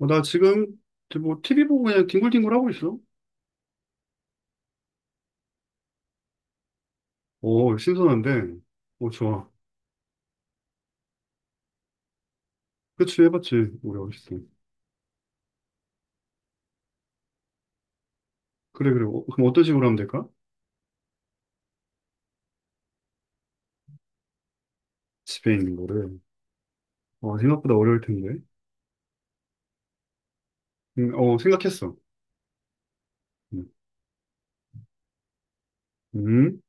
어, 나 지금 뭐 TV 보고 그냥 뒹굴뒹굴 하고 있어. 오, 신선한데. 오, 좋아. 그치, 해봤지. 우리 어렸을 때. 그래, 그래. 어, 그럼 어떤 식으로 하면 될까? 집에 있는 거를. 어, 생각보다 어려울 텐데. 생각했어. 음, 음,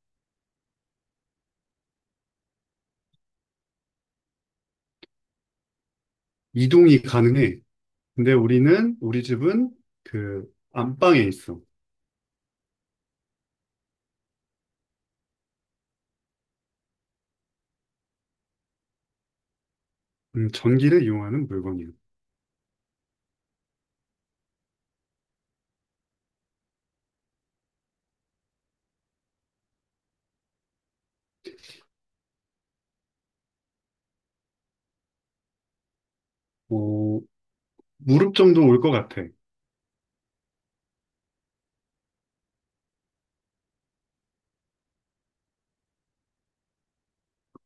이동이 가능해. 근데 우리 집은 그 안방에 있어. 전기를 이용하는 물건이야. 어, 무릎 정도 올 것 같아.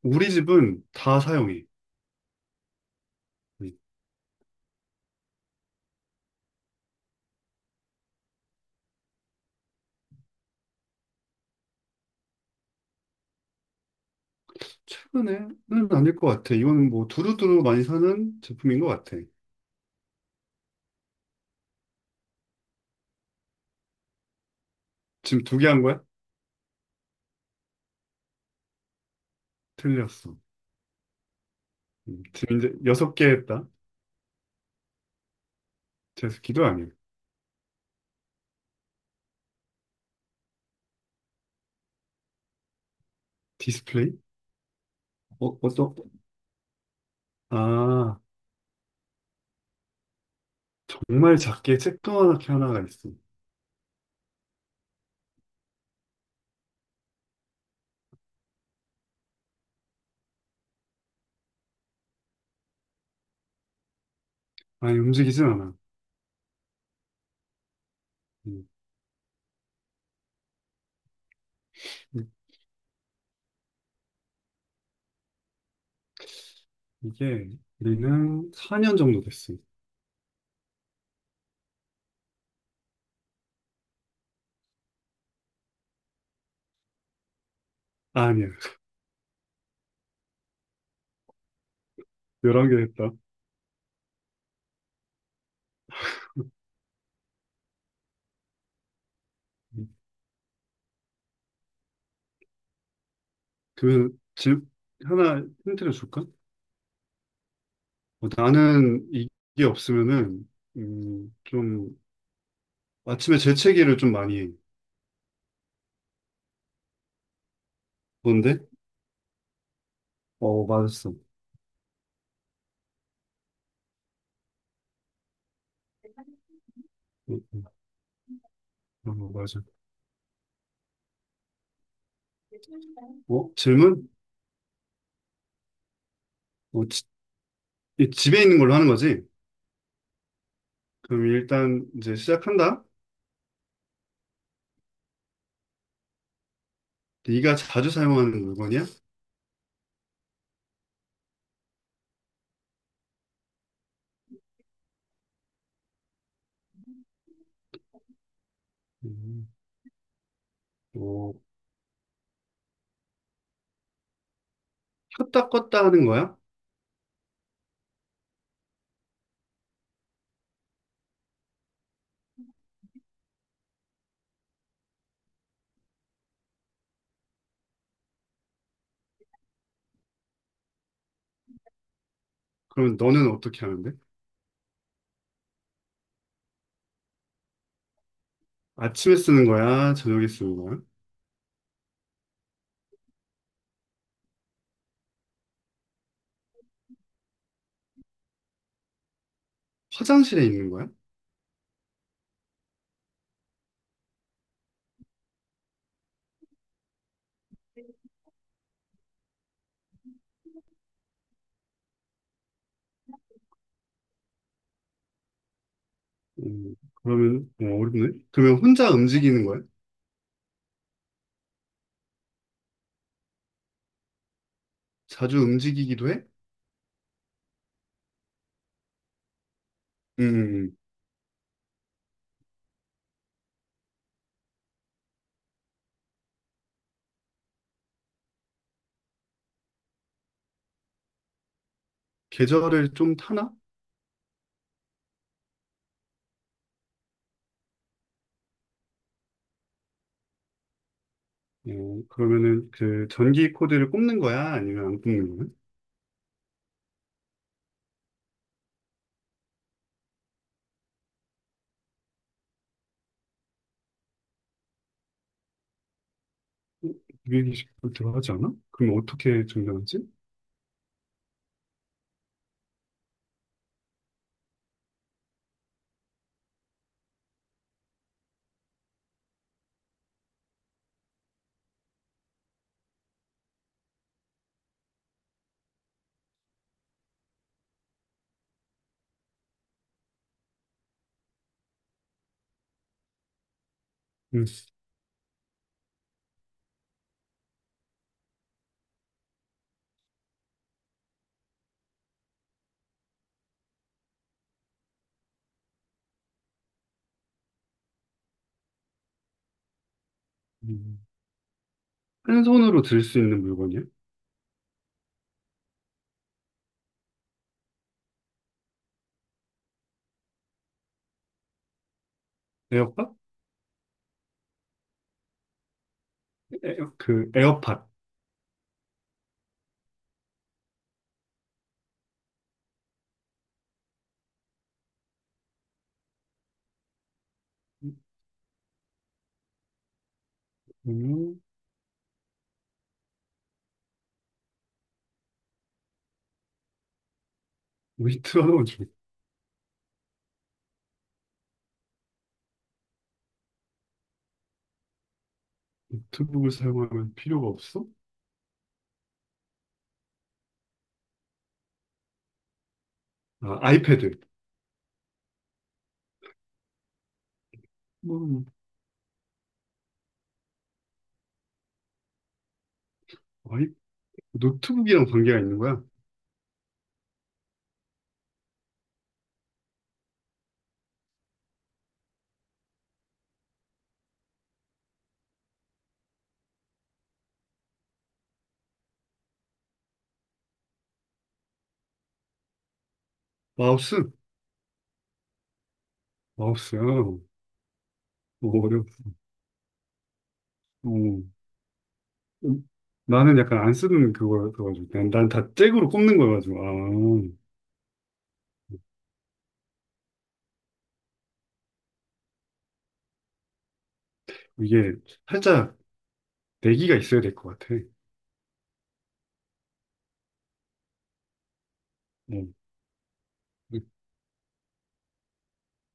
우리 집은 다 사용해. 음. 최근에는 아닐 것 같아. 이건 뭐 두루두루 많이 사는 제품인 것 같아. 지금 두 개 한 거야? 틀렸어. 지금 이제 여섯 개 했다. 제습기도 아니야. 디스플레이? 어, 어떤? 아, 정말 작게 쬐끄만하게 하나가 있어. 아니, 움직이진 않아. 음, 이- 이게 우리는 4년 정도 됐어. 아, 니야 11개 했다. 음, 그, 질, 하나 힌트를 줄까? 어, 나는 이게 없으면은, 음, 좀, 아침에 재채기를 좀 많이 해. 뭔데? 어, 맞았어. 어, 어, 맞아. 어, 질문? 어, 지- 이 집에 있는 걸로 하는 거지? 그럼 일단 이제 시작한다. 네가 자주 사용하는 물건이야? 음, 어, 켰다 껐다 하는 거야? 그러면 너는 어떻게 하는데? 아침에 쓰는 거야? 저녁에 쓰는 거야? 화장실에 있는 거야? 음, 그러면 어렵네. 그러면 혼자 움직이는 거야? 자주 움직이기도 해? 음, 음. 계절을 좀 타나? 어, 그러면은 그 전기 코드를 꼽는 거야? 아니면 안 꼽는 거야? 929 들어가지 않아? 그럼 어떻게 증명하지? 음, 음. 한 손으로 들 수 있는 물건이야? 에어팟? 그 에어팟. 음, 위트 하나만 줘. 노트북을 사용하면 필요가 없어? 아, 아이패드. 뭐, 아이, 노트북이랑 관계가 있는 거야? 마우스? 마우스야. 어, 어려워. 어. 음, 나는 약간 안 쓰는 그거여가지고. 난 다 잭으로 꼽는 거여가지고. 아, 이게 살짝 내기가 있어야 될 것 같아. 어.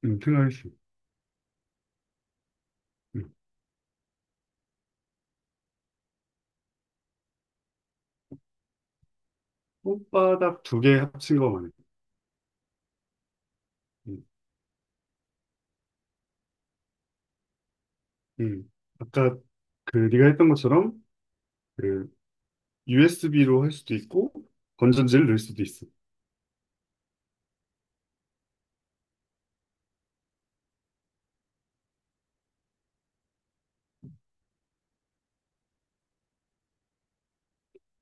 생각했어. 음. 손바닥 두 개 합친 거 말이야. 음, 음. 아까 그 네가 했던 것처럼 그 USB로 할 수도 있고 건전지를 넣을 수도 있어.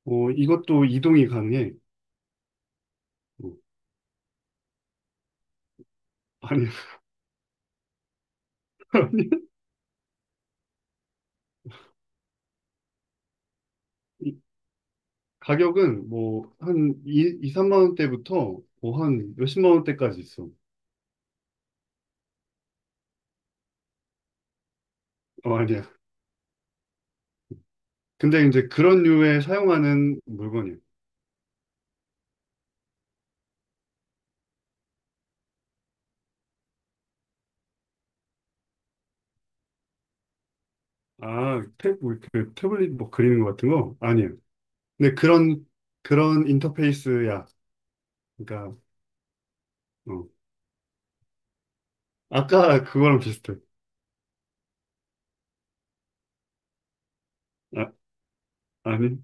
어, 이것도 이동이 가능해. 어, 아니, 아니. 이 가격은 뭐 한 2, 이 3만 원대부터 뭐 한 몇십만 원대까지 있어. 어, 아니야. 근데 이제 그런 류에 사용하는 물건이야. 아, 태블릿 뭐 그리는 것 같은 거? 아니야. 근데 그런 인터페이스야. 그러니까 어. 아까 그거랑 비슷해. 아, 아니,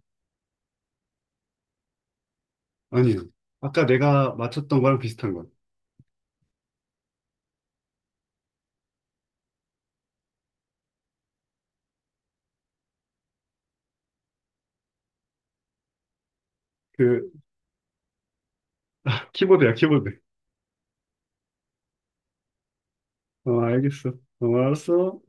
아니요. 아까 내가 맞췄던 거랑 비슷한 거야. 그, 키보드야, 키보드. 어, 알겠어. 어, 알았어.